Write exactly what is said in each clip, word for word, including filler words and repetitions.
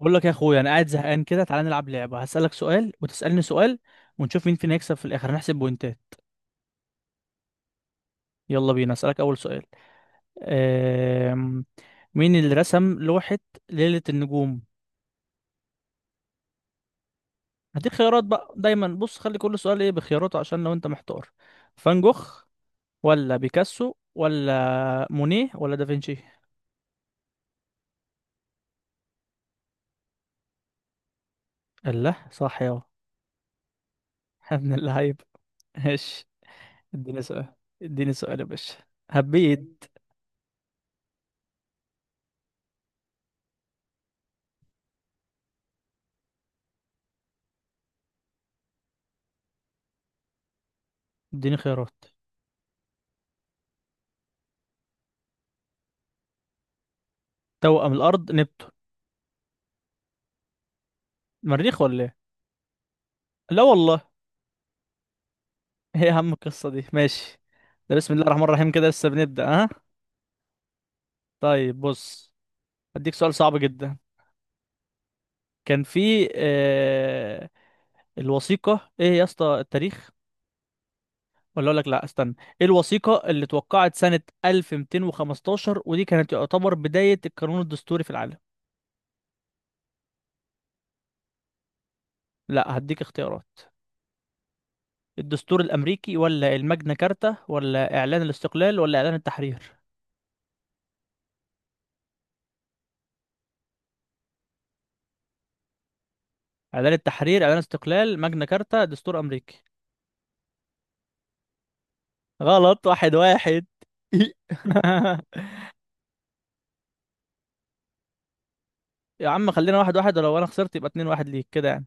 بقول لك يا اخويا، انا قاعد زهقان كده. تعالى نلعب لعبه. هسالك سؤال وتسالني سؤال ونشوف مين فينا يكسب في الاخر. هنحسب بوينتات. يلا بينا، اسالك اول سؤال. أم... مين اللي رسم لوحه ليله النجوم؟ هديك خيارات بقى. دايما بص، خلي كل سؤال ايه بخياراته عشان لو انت محتار. فان جوخ ولا بيكاسو ولا مونيه ولا دافنشي؟ الله، صح يا. يا ابن اللعيب. ماشي، اديني سؤال. اديني سؤال يا باشا. هبيت. اديني خيارات. توأم الارض نبتون. مريخ ولا إيه؟ لا والله. هي اهم القصه دي، ماشي. ده بسم الله الرحمن الرحيم كده، لسه بنبدا ها. طيب بص، هديك سؤال صعب جدا. كان في آه الوثيقه، ايه يا اسطى التاريخ؟ ولا اقول لك، لا استنى. ايه الوثيقه اللي اتوقعت سنه ألف ومئتين وخمستاشر، ودي كانت تعتبر بدايه القانون الدستوري في العالم؟ لا هديك اختيارات. الدستور الامريكي ولا الماجنا كارتا ولا اعلان الاستقلال ولا اعلان التحرير؟ اعلان التحرير، اعلان استقلال، ماجنا كارتا، دستور امريكي. غلط. واحد واحد. يا عم خلينا واحد واحد، ولو انا خسرت يبقى اتنين واحد ليك، كده يعني.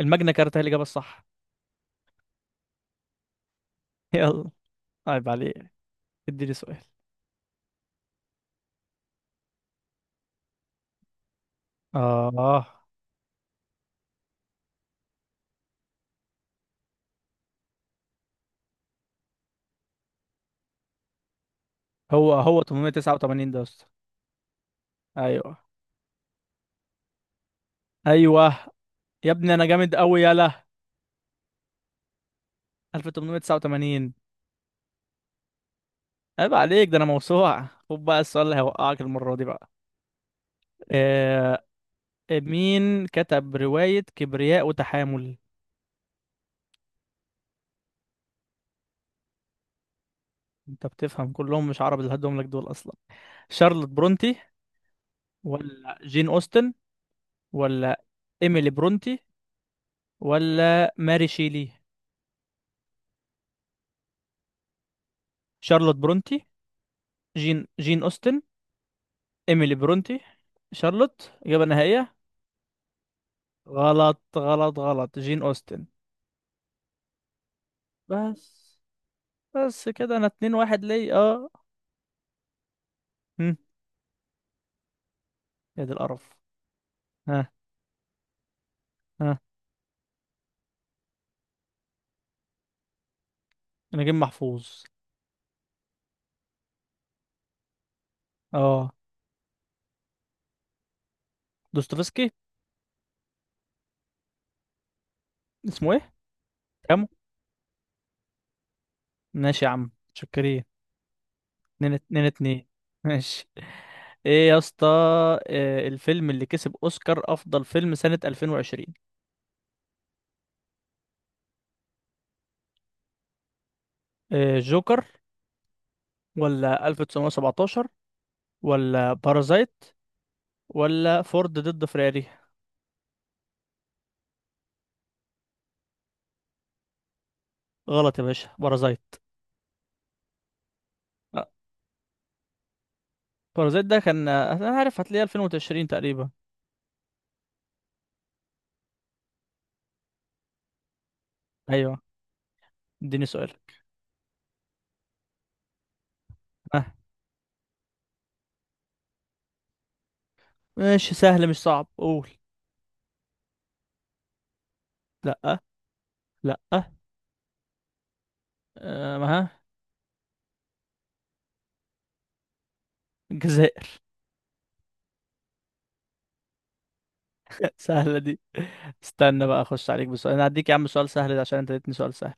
الماجنا كارتا هي الإجابة الصح. يلا. عيب عليك. اديني سؤال. اه. هو هو ثمنمية تسعة وتمانين ده يا اسطى؟ ايوه. ايوه. يا ابني انا جامد قوي، يلا. ألف تمنمية تسعة وتمانين. عيب عليك، ده انا موسوعة. خد بقى السؤال اللي هيوقعك المرة دي بقى. آه. مين كتب رواية كبرياء وتحامل؟ انت بتفهم، كلهم مش عرب اللي هدهم لك دول اصلا. شارلوت برونتي ولا جين أوستن ولا إيميلي برونتي ولا ماري شيلي؟ شارلوت برونتي، جين جين أوستن، إيميلي برونتي. شارلوت إجابة نهائية. غلط غلط غلط، جين أوستن. بس بس كده أنا اتنين واحد ليا، اه. هم، يا دي القرف. ها. ها. أنا جيم محفوظ. اه. دوستويفسكي. اسمه ايه؟ كام؟ ماشي يا عم، شكرين. اتنين اتنين اتنين. ماشي. ايه يا اسطى، إيه الفيلم اللي كسب اوسكار افضل فيلم سنة ألفين وعشرين؟ إيه، جوكر ولا ألف تسعمائة سبعة عشر ولا بارازايت ولا فورد ضد فيراري. غلط يا باشا، بارازايت. آه، بارازايت ده كان آه، انا عارف هتلاقيه ألفين وعشرين تقريبا. ايوه. اديني سؤال. ها. ماشي سهل مش صعب، قول. لا. لا. آه، ما ها. الجزائر. سهلة دي. استنى بقى اخش عليك بسؤال. انا هديك يا عم سؤال سهل ده عشان انت اديتني سؤال سهل.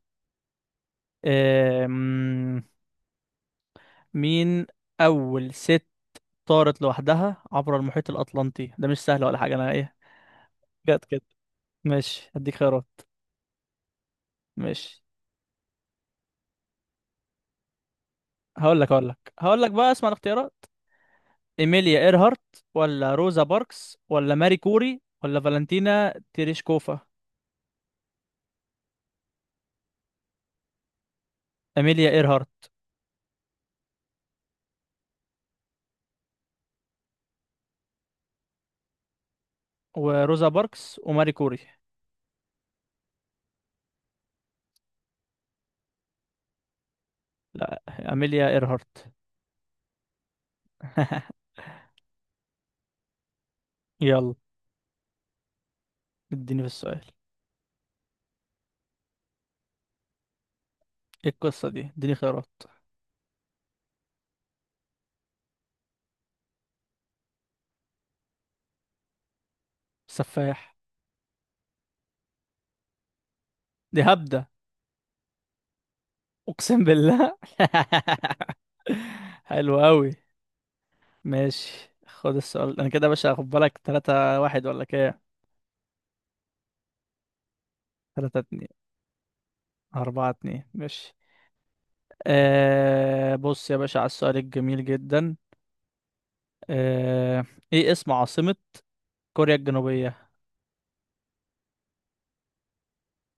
آم، مين أول ست طارت لوحدها عبر المحيط الأطلنطي؟ ده مش سهل ولا حاجة أنا، إيه جت كده. ماشي هديك خيارات. ماشي هقول لك هقول لك هقول لك بقى، اسمع الاختيارات. إيميليا إيرهارت ولا روزا باركس ولا ماري كوري ولا فالنتينا تيريشكوفا؟ إيميليا إيرهارت وروزا باركس وماري كوري. لا، إيميليا إيرهارت. يلا. اديني في السؤال. ايه القصة دي؟ اديني خيارات. سفاح. دي هبدة. أقسم بالله. حلو قوي. ماشي. خد السؤال. انا كده يا باشا خد بالك، ثلاثة واحد ولا كام؟ تلاتة اتنين. اربعة اتنين ماشي. آه بص يا باشا على السؤال الجميل جدا. آه. ايه اسم عاصمة كوريا الجنوبية؟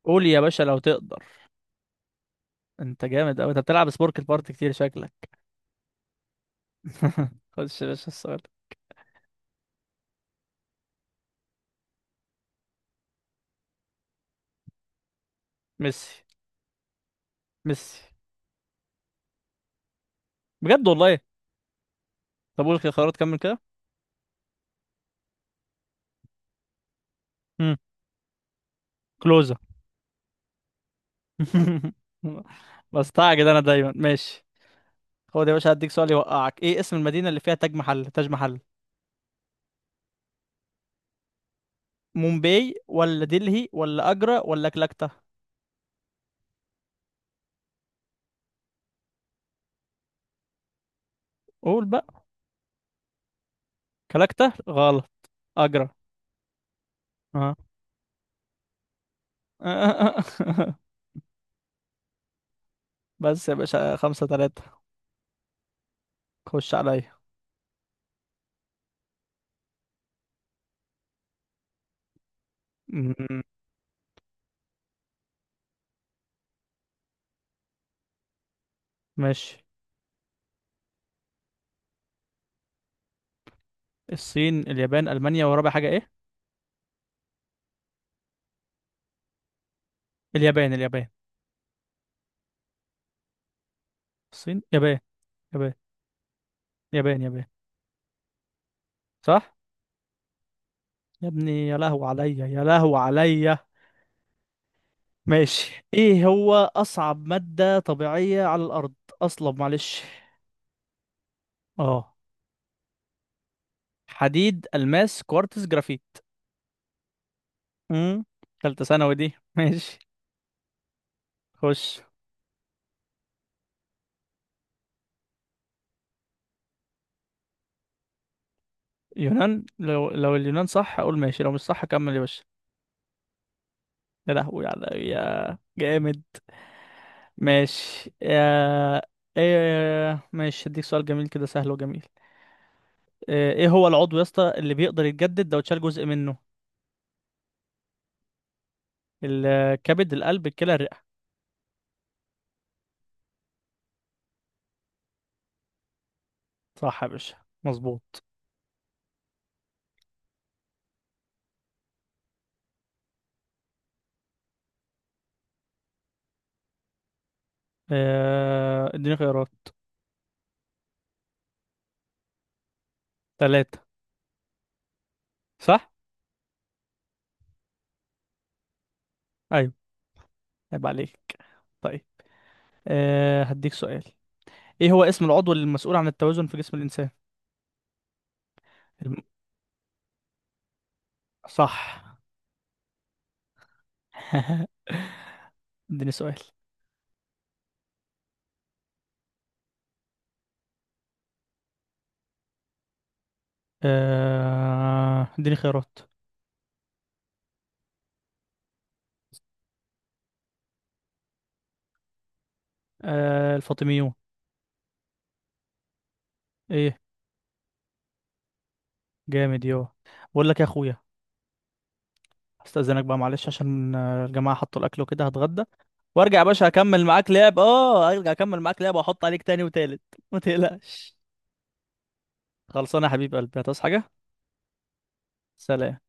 قول يا باشا لو تقدر. انت جامد قوي، انت بتلعب سبورك البارت كتير شكلك. خش يا باشا السؤال. ميسي. ميسي. بجد والله. طب قول الخيارات، كمل كده. امم. كلوزة. بستعجل انا دايما، ماشي. هو ده يا باشا، هديك سؤال يوقعك. ايه اسم المدينة اللي فيها تاج محل، تاج محل؟ مومباي ولا دلهي ولا اجرا ولا كلكتة. قول بقى. كلكتة غلط. اجرا. اه. بس يا باشا خمسة تلاتة. خش عليا. م-. ماشي. الصين، اليابان، المانيا، ورابع حاجة ايه؟ اليابان، اليابان. الصين، يابان، يابان، يابان، يابان. صح. يا ابني يا لهو عليا، يا لهو عليا. ماشي. ايه هو اصعب مادة طبيعية على الارض؟ اصلب، معلش. اه. حديد، الماس، كوارتز، جرافيت. امم. تالتة ثانوي دي. ماشي. خش. يونان، لو لو اليونان صح اقول ماشي، لو مش صح كمل يا باشا. يا لهوي على يا، جامد. ماشي يا، ايه ماشي. هديك سؤال جميل كده، سهل وجميل. ايه إيه هو العضو يا اسطى اللي بيقدر يتجدد لو اتشال جزء منه؟ الكبد، القلب، الكلى، الرئة. صح يا باشا، مظبوط. آه، اديني خيارات. ثلاثة. صح. ايوه. عيب عليك. طيب. أه هديك سؤال. ايه هو اسم العضو المسؤول عن التوازن في جسم الانسان؟ الم... صح. اديني سؤال. آه، اديني خيارات. آه، الفاطميون. ايه. جامد يو. بقول لك يا اخويا، استاذنك بقى معلش عشان آه، الجماعه حطوا الاكل وكده هتغدى وارجع. يا باشا اكمل معاك لعب، اه ارجع اكمل معاك لعب واحط عليك تاني وتالت. ما تقلقش. خلصانه يا حبيب قلبي، هتصحى حاجه؟ سلام.